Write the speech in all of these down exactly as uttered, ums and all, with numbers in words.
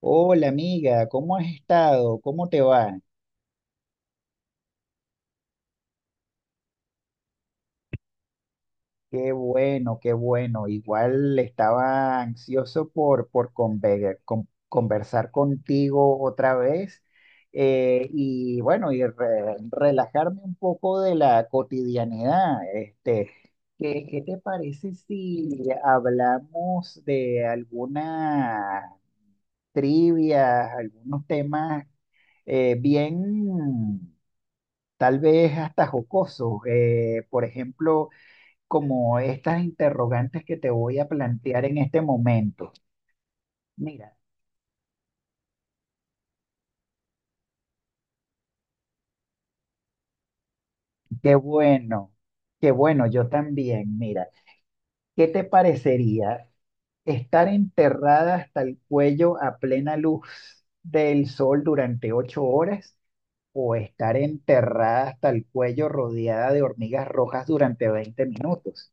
Hola amiga, ¿cómo has estado? ¿Cómo te va? Qué bueno, qué bueno. Igual estaba ansioso por, por conve- con- conversar contigo otra vez. Eh, y bueno, y re- relajarme un poco de la cotidianidad. Este, ¿qué, qué te parece si hablamos de alguna trivia, algunos temas eh, bien... tal vez hasta jocoso. Eh, por ejemplo, como estas interrogantes que te voy a plantear en este momento. Mira, qué bueno, qué bueno, yo también. Mira, ¿qué te parecería estar enterrada hasta el cuello a plena luz del sol durante ocho horas? ¿O estar enterrada hasta el cuello rodeada de hormigas rojas durante veinte minutos?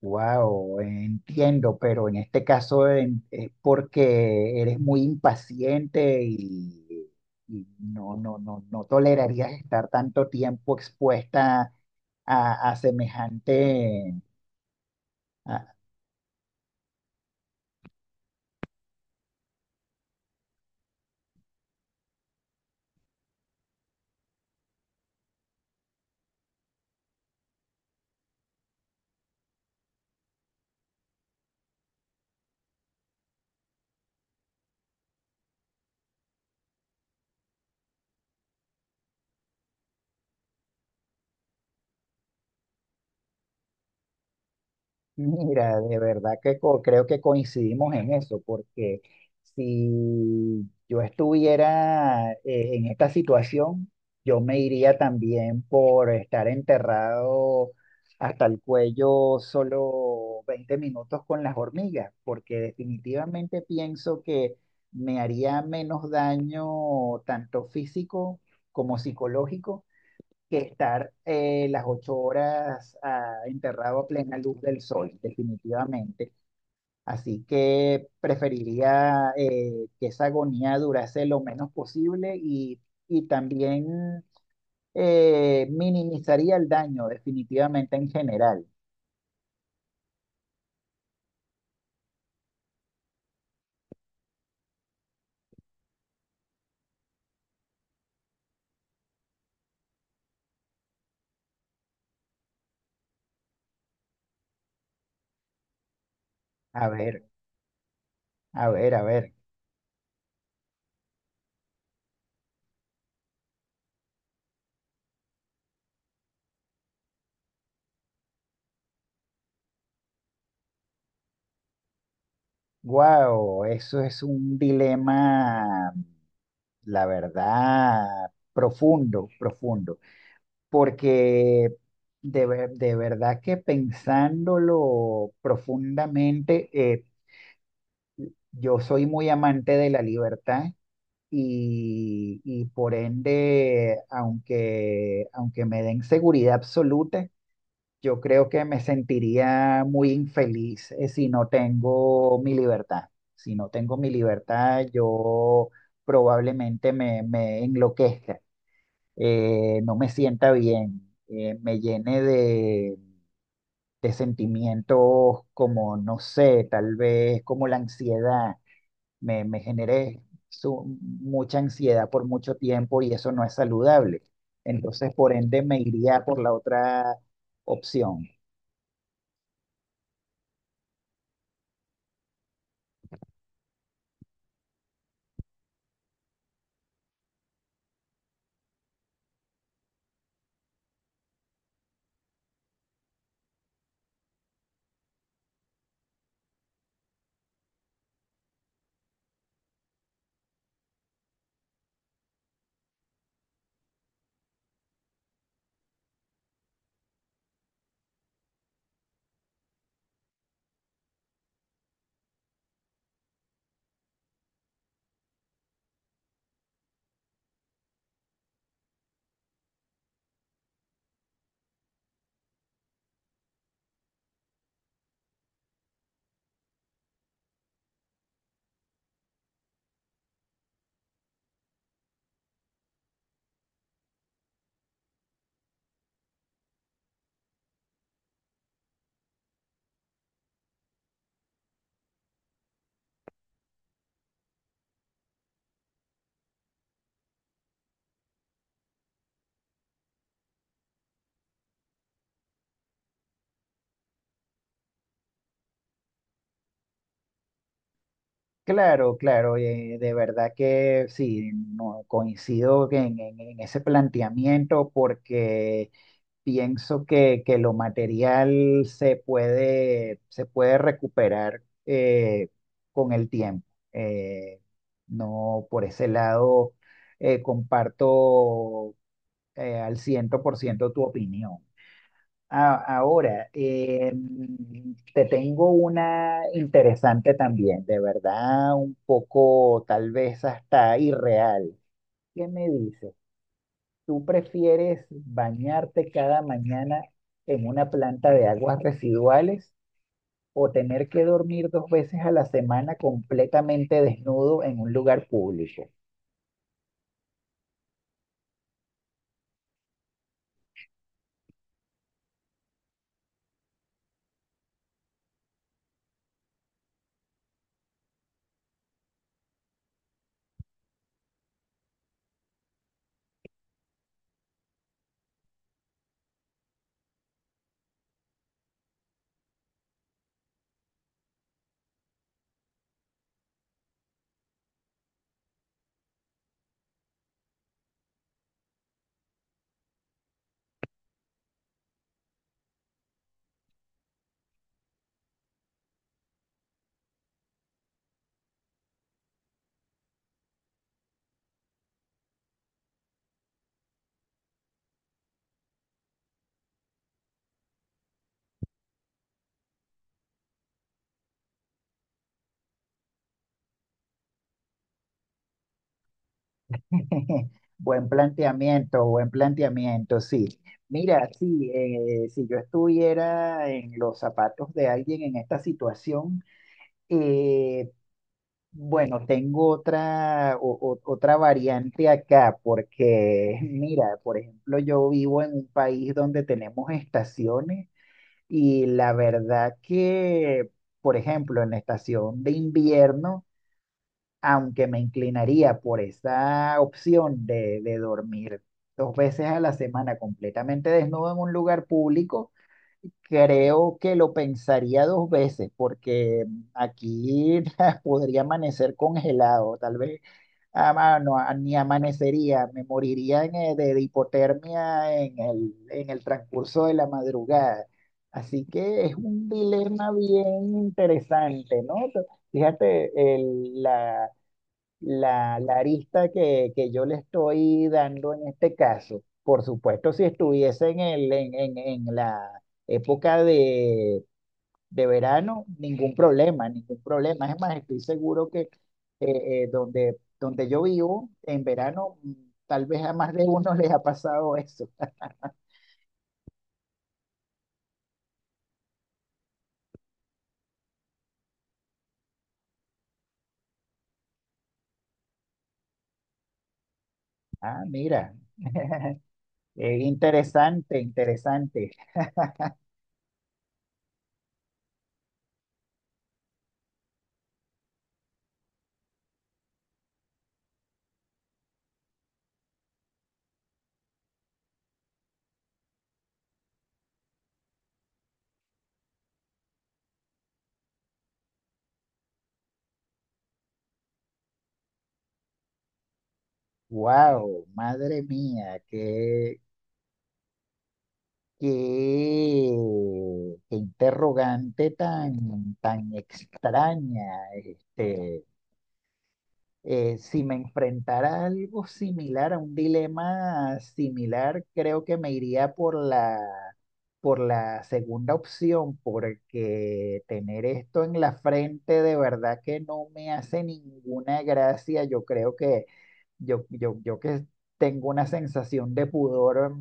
Wow, entiendo, pero en este caso en- es porque eres muy impaciente y, y no, no, no, no tolerarías estar tanto tiempo expuesta a, a semejante... Mira, de verdad que co- creo que coincidimos en eso, porque si yo estuviera eh, en esta situación, yo me iría también por estar enterrado hasta el cuello solo veinte minutos con las hormigas, porque definitivamente pienso que me haría menos daño tanto físico como psicológico que estar eh, las ocho horas ah, enterrado a plena luz del sol, definitivamente. Así que preferiría eh, que esa agonía durase lo menos posible, y, y también eh, minimizaría el daño, definitivamente en general. A ver, a ver, a ver. Wow, eso es un dilema, la verdad, profundo, profundo. Porque de, ver- de verdad que pensándolo profundamente, eh, yo soy muy amante de la libertad y, y por ende, aunque, aunque me den seguridad absoluta, yo creo que me sentiría muy infeliz, eh, si no tengo mi libertad. Si no tengo mi libertad, yo probablemente me, me enloquezca, eh, no me sienta bien, eh, me llene de sentimientos como, no sé, tal vez como la ansiedad. Me, me generé su- mucha ansiedad por mucho tiempo y eso no es saludable. Entonces, por ende, me iría por la otra opción. Claro, claro, eh, de verdad que sí, no, coincido en, en en ese planteamiento porque pienso que, que lo material se puede, se puede recuperar eh, con el tiempo. Eh, no, por ese lado, eh, comparto eh, al ciento por ciento tu opinión. A- ahora, eh, te tengo una interesante también, de verdad, un poco tal vez hasta irreal. ¿Qué me dices? ¿Tú prefieres bañarte cada mañana en una planta de aguas residuales o tener que dormir dos veces a la semana completamente desnudo en un lugar público? Buen planteamiento, buen planteamiento, sí. Mira, sí, eh, si yo estuviera en los zapatos de alguien en esta situación, eh, bueno, tengo otra, o- o- otra variante acá, porque mira, por ejemplo, yo vivo en un país donde tenemos estaciones y la verdad que, por ejemplo, en la estación de invierno, aunque me inclinaría por esa opción de, de dormir dos veces a la semana completamente desnudo en un lugar público, creo que lo pensaría dos veces porque aquí podría amanecer congelado, tal vez ama- no, a- ni amanecería, me moriría en, eh, de, de hipotermia en el, en el transcurso de la madrugada. Así que es un dilema bien interesante, ¿no? Fíjate, el la, la arista que, que yo le estoy dando en este caso. Por supuesto, si estuviese en el, en, en, en la época de, de verano, ningún problema, ningún problema. Es más, estoy seguro que eh, eh, donde, donde yo vivo, en verano, mm, tal vez a más de uno les ha pasado eso. Ah, mira, eh, interesante, interesante. Wow, madre mía, qué... qué, qué interrogante tan, tan extraña. Este, eh, si me enfrentara a algo similar, a un dilema similar, creo que me iría por la, por la segunda opción, porque tener esto en la frente de verdad que no me hace ninguna gracia. Yo creo que yo, yo, yo que tengo una sensación de pudor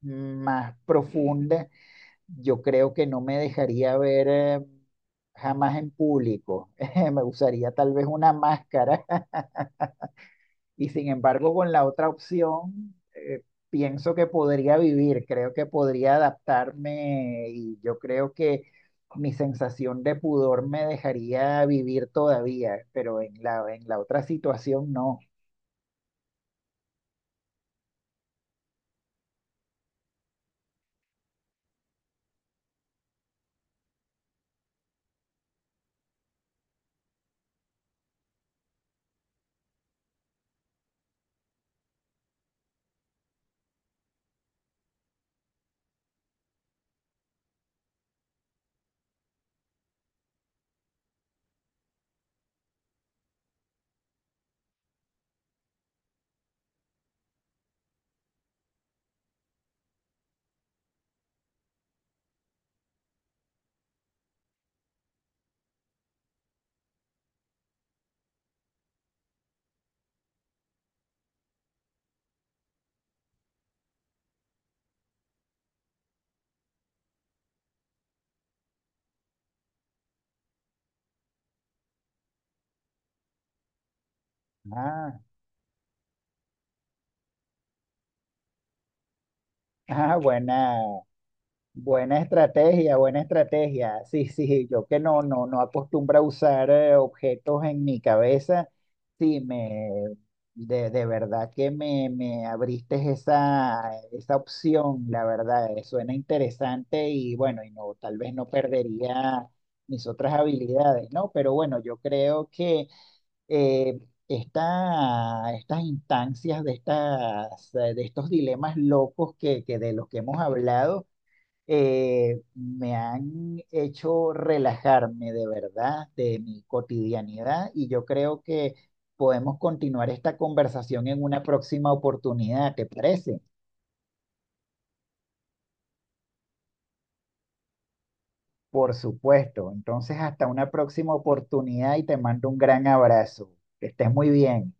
mm, más profunda, yo creo que no me dejaría ver eh, jamás en público. Me usaría tal vez una máscara y sin embargo con la otra opción eh, pienso que podría vivir, creo que podría adaptarme y yo creo que mi sensación de pudor me dejaría vivir todavía, pero en la, en la otra situación no. Ah, ah, buena. Buena estrategia, buena estrategia. Sí, sí, yo que no, no, no acostumbro a usar eh, objetos en mi cabeza. Sí, me, de, de verdad que me, me abriste esa, esa opción, la verdad, eh, suena interesante y bueno, y no, tal vez no perdería mis otras habilidades, ¿no? Pero bueno, yo creo que eh, esta- estas instancias de estas, eh, de estos dilemas locos que, que de los que hemos hablado eh, me han hecho relajarme de verdad de mi cotidianidad y yo creo que podemos continuar esta conversación en una próxima oportunidad, ¿te parece? Por supuesto. Entonces, hasta una próxima oportunidad y te mando un gran abrazo. Que estés muy bien.